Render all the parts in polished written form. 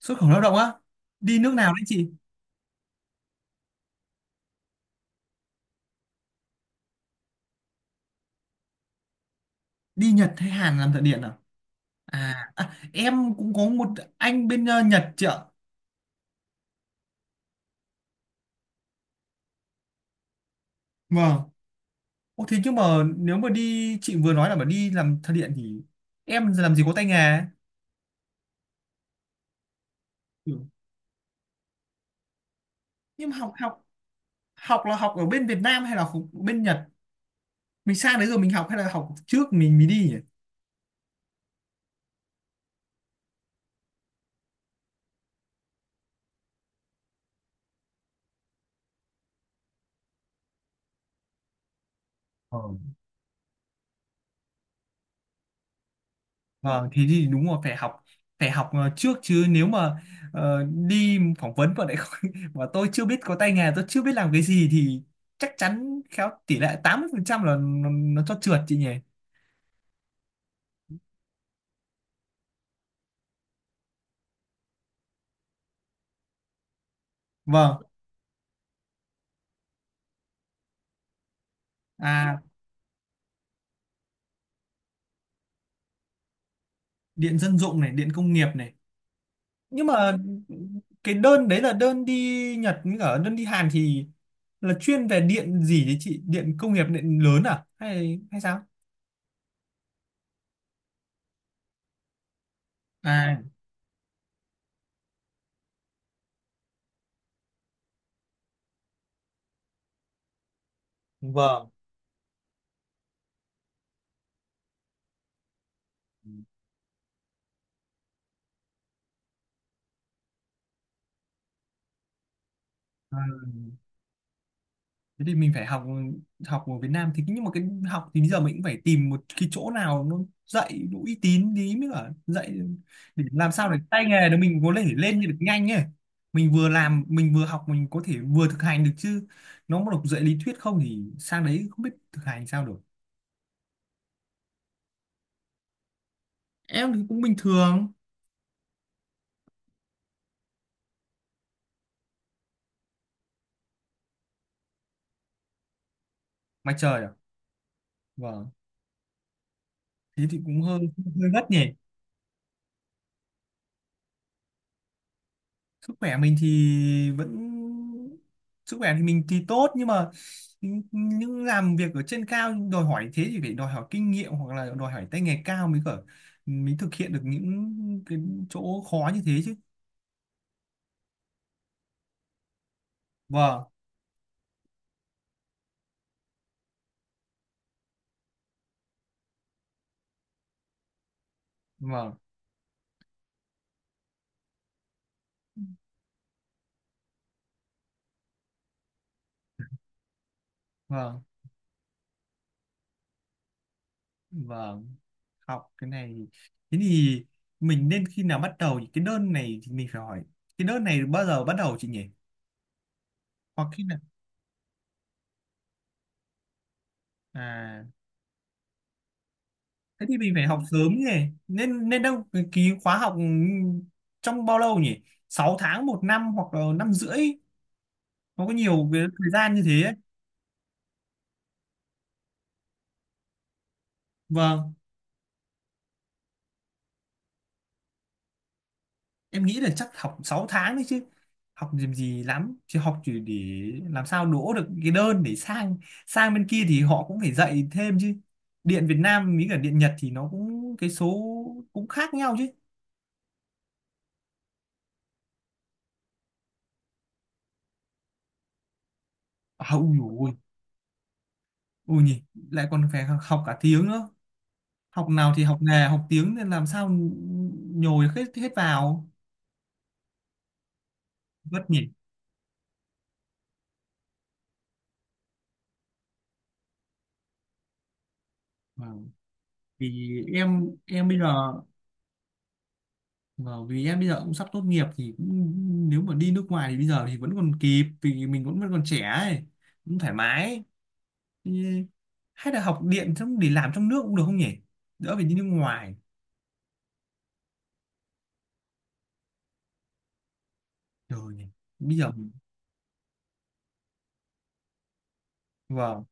Xuất khẩu lao động á? Đi nước nào đấy chị? Đi Nhật hay Hàn làm thợ điện à? À, em cũng có một anh bên Nhật chị ạ. Vâng. Ô thế nhưng mà, nếu mà đi chị vừa nói là mà đi làm thợ điện thì em làm gì có tay nghề. Ừ. Nhưng mà học học học là học ở bên Việt Nam hay là học bên Nhật? Mình sang đấy rồi mình học hay là học trước mình mới đi nhỉ? Ờ. Vâng, thế thì đúng rồi phải học trước chứ nếu mà đi phỏng vấn mà lại không, mà tôi chưa biết có tay nghề, tôi chưa biết làm cái gì thì chắc chắn khéo tỷ lệ 80% là nó cho trượt chị nhỉ. Vâng, à, điện dân dụng này, điện công nghiệp này. Nhưng mà cái đơn đấy là đơn đi Nhật với cả đơn đi Hàn thì là chuyên về điện gì đấy chị? Điện công nghiệp điện lớn à, hay hay sao? À, vâng. À. Thế thì mình phải học, học ở Việt Nam thì nhưng mà cái học thì bây giờ mình cũng phải tìm một cái chỗ nào nó dạy đủ uy tín tí mới cả dạy để làm sao để tay nghề nó mình có thể lên được nhanh ấy. Mình vừa làm mình vừa học mình có thể vừa thực hành được chứ, nó mà đọc dạy lý thuyết không thì sang đấy không biết thực hành sao được. Em thì cũng bình thường. Mà trời ạ. Vâng, thế thì cũng hơi hơi gắt nhỉ. Sức khỏe mình thì vẫn, sức khỏe thì mình thì tốt, nhưng mà những làm việc ở trên cao đòi hỏi thế thì phải đòi hỏi kinh nghiệm hoặc là đòi hỏi tay nghề cao mới cỡ, mới thực hiện được những cái chỗ khó như thế chứ. Vâng, vâng, vâng, vâng. Học cái này, thế thì mình nên khi nào bắt đầu thì cái đơn này thì mình phải hỏi cái đơn này bao giờ bắt đầu chị nhỉ, hoặc khi nào? À, thế thì mình phải học sớm nhỉ. Nên nên đâu cái ký khóa học trong bao lâu nhỉ? 6 tháng 1 năm hoặc là năm rưỡi, nó có nhiều cái thời gian như thế ấy. Vâng, em nghĩ là chắc học 6 tháng đấy chứ, học làm gì lắm, chứ học chỉ để làm sao đỗ được cái đơn để sang sang bên kia thì họ cũng phải dạy thêm chứ. Điện Việt Nam với cả điện Nhật thì nó cũng cái số cũng khác nhau chứ. À, ui dồi ôi, ui nhỉ, lại còn phải học cả tiếng nữa. Học nào thì học nghề học tiếng nên làm sao nhồi hết hết vào. Vất nhỉ. Vâng. Vì em bây giờ, vâng, vì em bây giờ cũng sắp tốt nghiệp thì cũng, nếu mà đi nước ngoài thì bây giờ thì vẫn còn kịp vì mình vẫn vẫn còn trẻ ấy, cũng thoải mái. Thì hay là học điện xong để làm trong nước cũng được không nhỉ, đỡ phải đi nước ngoài. Rồi nhỉ, bây giờ, vâng,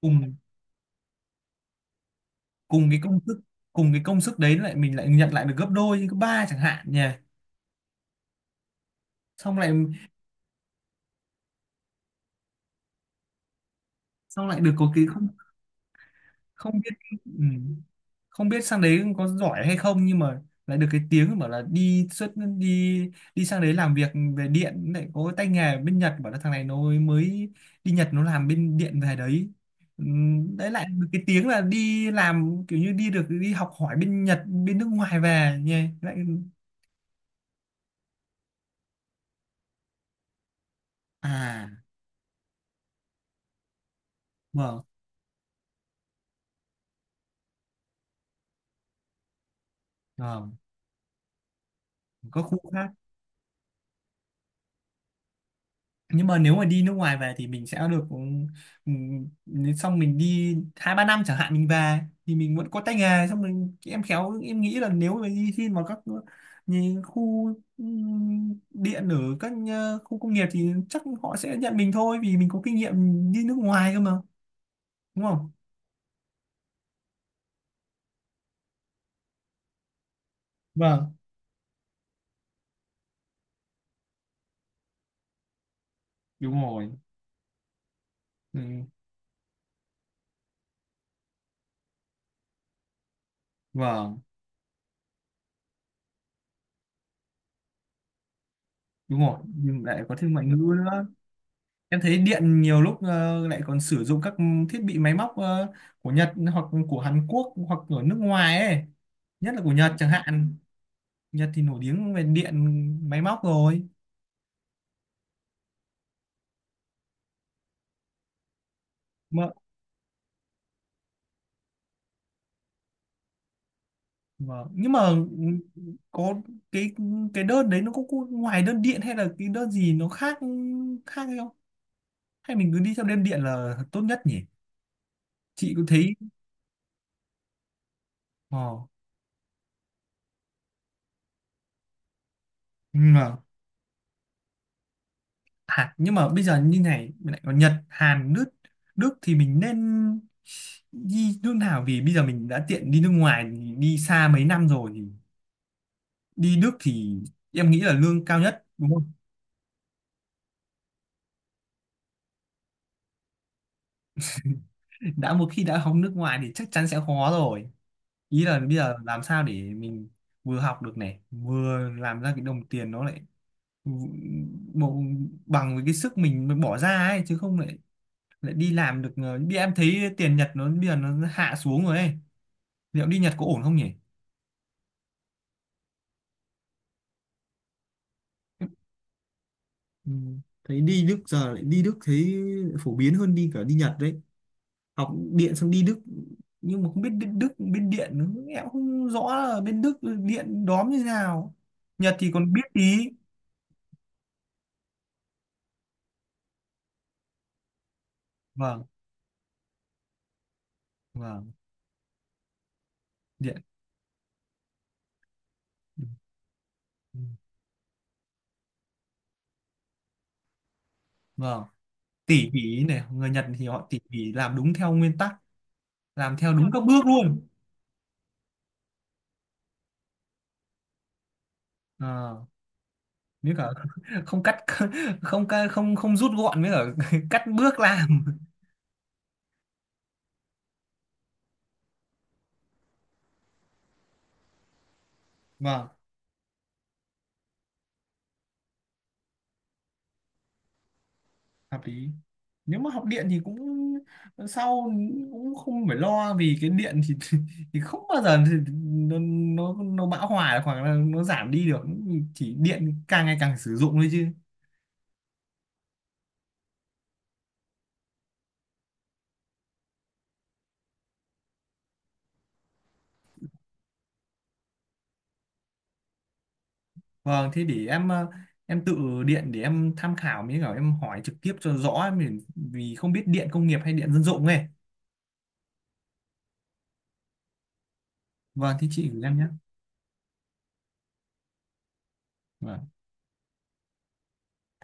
cùng cùng cái công sức cùng cái công sức đấy lại mình lại nhận lại được gấp đôi gấp ba chẳng hạn nhỉ. Xong lại xong lại được có cái không. Không biết, ừ. Không biết sang đấy có giỏi hay không, nhưng mà lại được cái tiếng bảo là đi xuất đi đi sang đấy làm việc về điện lại có tay nghề, bên Nhật bảo là thằng này nó mới đi Nhật nó làm bên điện về đấy. Ừ, đấy lại được cái tiếng là đi làm kiểu như đi được đi học hỏi bên Nhật bên nước ngoài về nha, lại à vâng. Vâng, có khu khác. Nhưng mà nếu mà đi nước ngoài về thì mình sẽ được, nếu xong mình đi 2 3 năm chẳng hạn mình về thì mình vẫn có tay nghề, xong mình, em khéo em nghĩ là nếu mà đi xin vào các như khu điện ở các khu công nghiệp thì chắc họ sẽ nhận mình thôi vì mình có kinh nghiệm đi nước ngoài cơ mà, đúng không? Vâng, đúng rồi. Ừ, vâng, đúng rồi, nhưng lại có thêm ngoại ngữ nữa. Em thấy điện nhiều lúc lại còn sử dụng các thiết bị máy móc của Nhật hoặc của Hàn Quốc hoặc ở nước ngoài ấy. Nhất là của Nhật chẳng hạn. Nhật thì nổi tiếng về điện máy móc rồi. Mà, mà, nhưng mà có cái cái đơn đấy nó có ngoài đơn điện hay là cái đơn gì nó khác khác hay không? Hay mình cứ đi theo đơn điện là tốt nhất nhỉ? Chị có thấy ờ, ừ, Hàn nhưng mà bây giờ như này mình lại có Nhật Hàn Đức. Đức thì mình nên đi nước nào vì bây giờ mình đã tiện đi nước ngoài đi xa mấy năm rồi thì đi Đức thì em nghĩ là lương cao nhất, đúng không? Đã một khi đã học nước ngoài thì chắc chắn sẽ khó rồi, ý là bây giờ làm sao để mình vừa học được này vừa làm ra cái đồng tiền nó lại bộ bằng với cái sức mình mới bỏ ra ấy, chứ không lại lại đi làm được đi, em thấy tiền Nhật nó bây giờ nó hạ xuống rồi ấy. Liệu đi Nhật có ổn không nhỉ? Ừ. Thấy đi Đức, giờ lại đi Đức thấy phổ biến hơn đi cả đi Nhật đấy. Học điện xong đi Đức. Nhưng mà không biết bên Đức bên điện nữa. Em cũng không rõ là bên Đức điện đóm như thế nào. Nhật thì còn biết tí. Vâng, vâng, điện. Vâng, tỉ mỉ này, người Nhật thì họ tỉ mỉ làm đúng theo nguyên tắc, làm theo đúng các bước luôn. À, với cả không cắt, không ca- không không rút gọn, với cả cắt bước làm. Vâng. Hợp lý, nếu mà học điện thì cũng sau cũng không phải lo vì cái điện thì thì không bao giờ thì nó bão hòa hoặc là nó giảm đi được, chỉ điện càng ngày càng sử dụng thôi chứ. Vâng, thế để em em tự điện để em tham khảo mới cả em hỏi trực tiếp cho rõ mình vì không biết điện công nghiệp hay điện dân dụng này. Vâng, thế chị gửi em nhé. Vâng.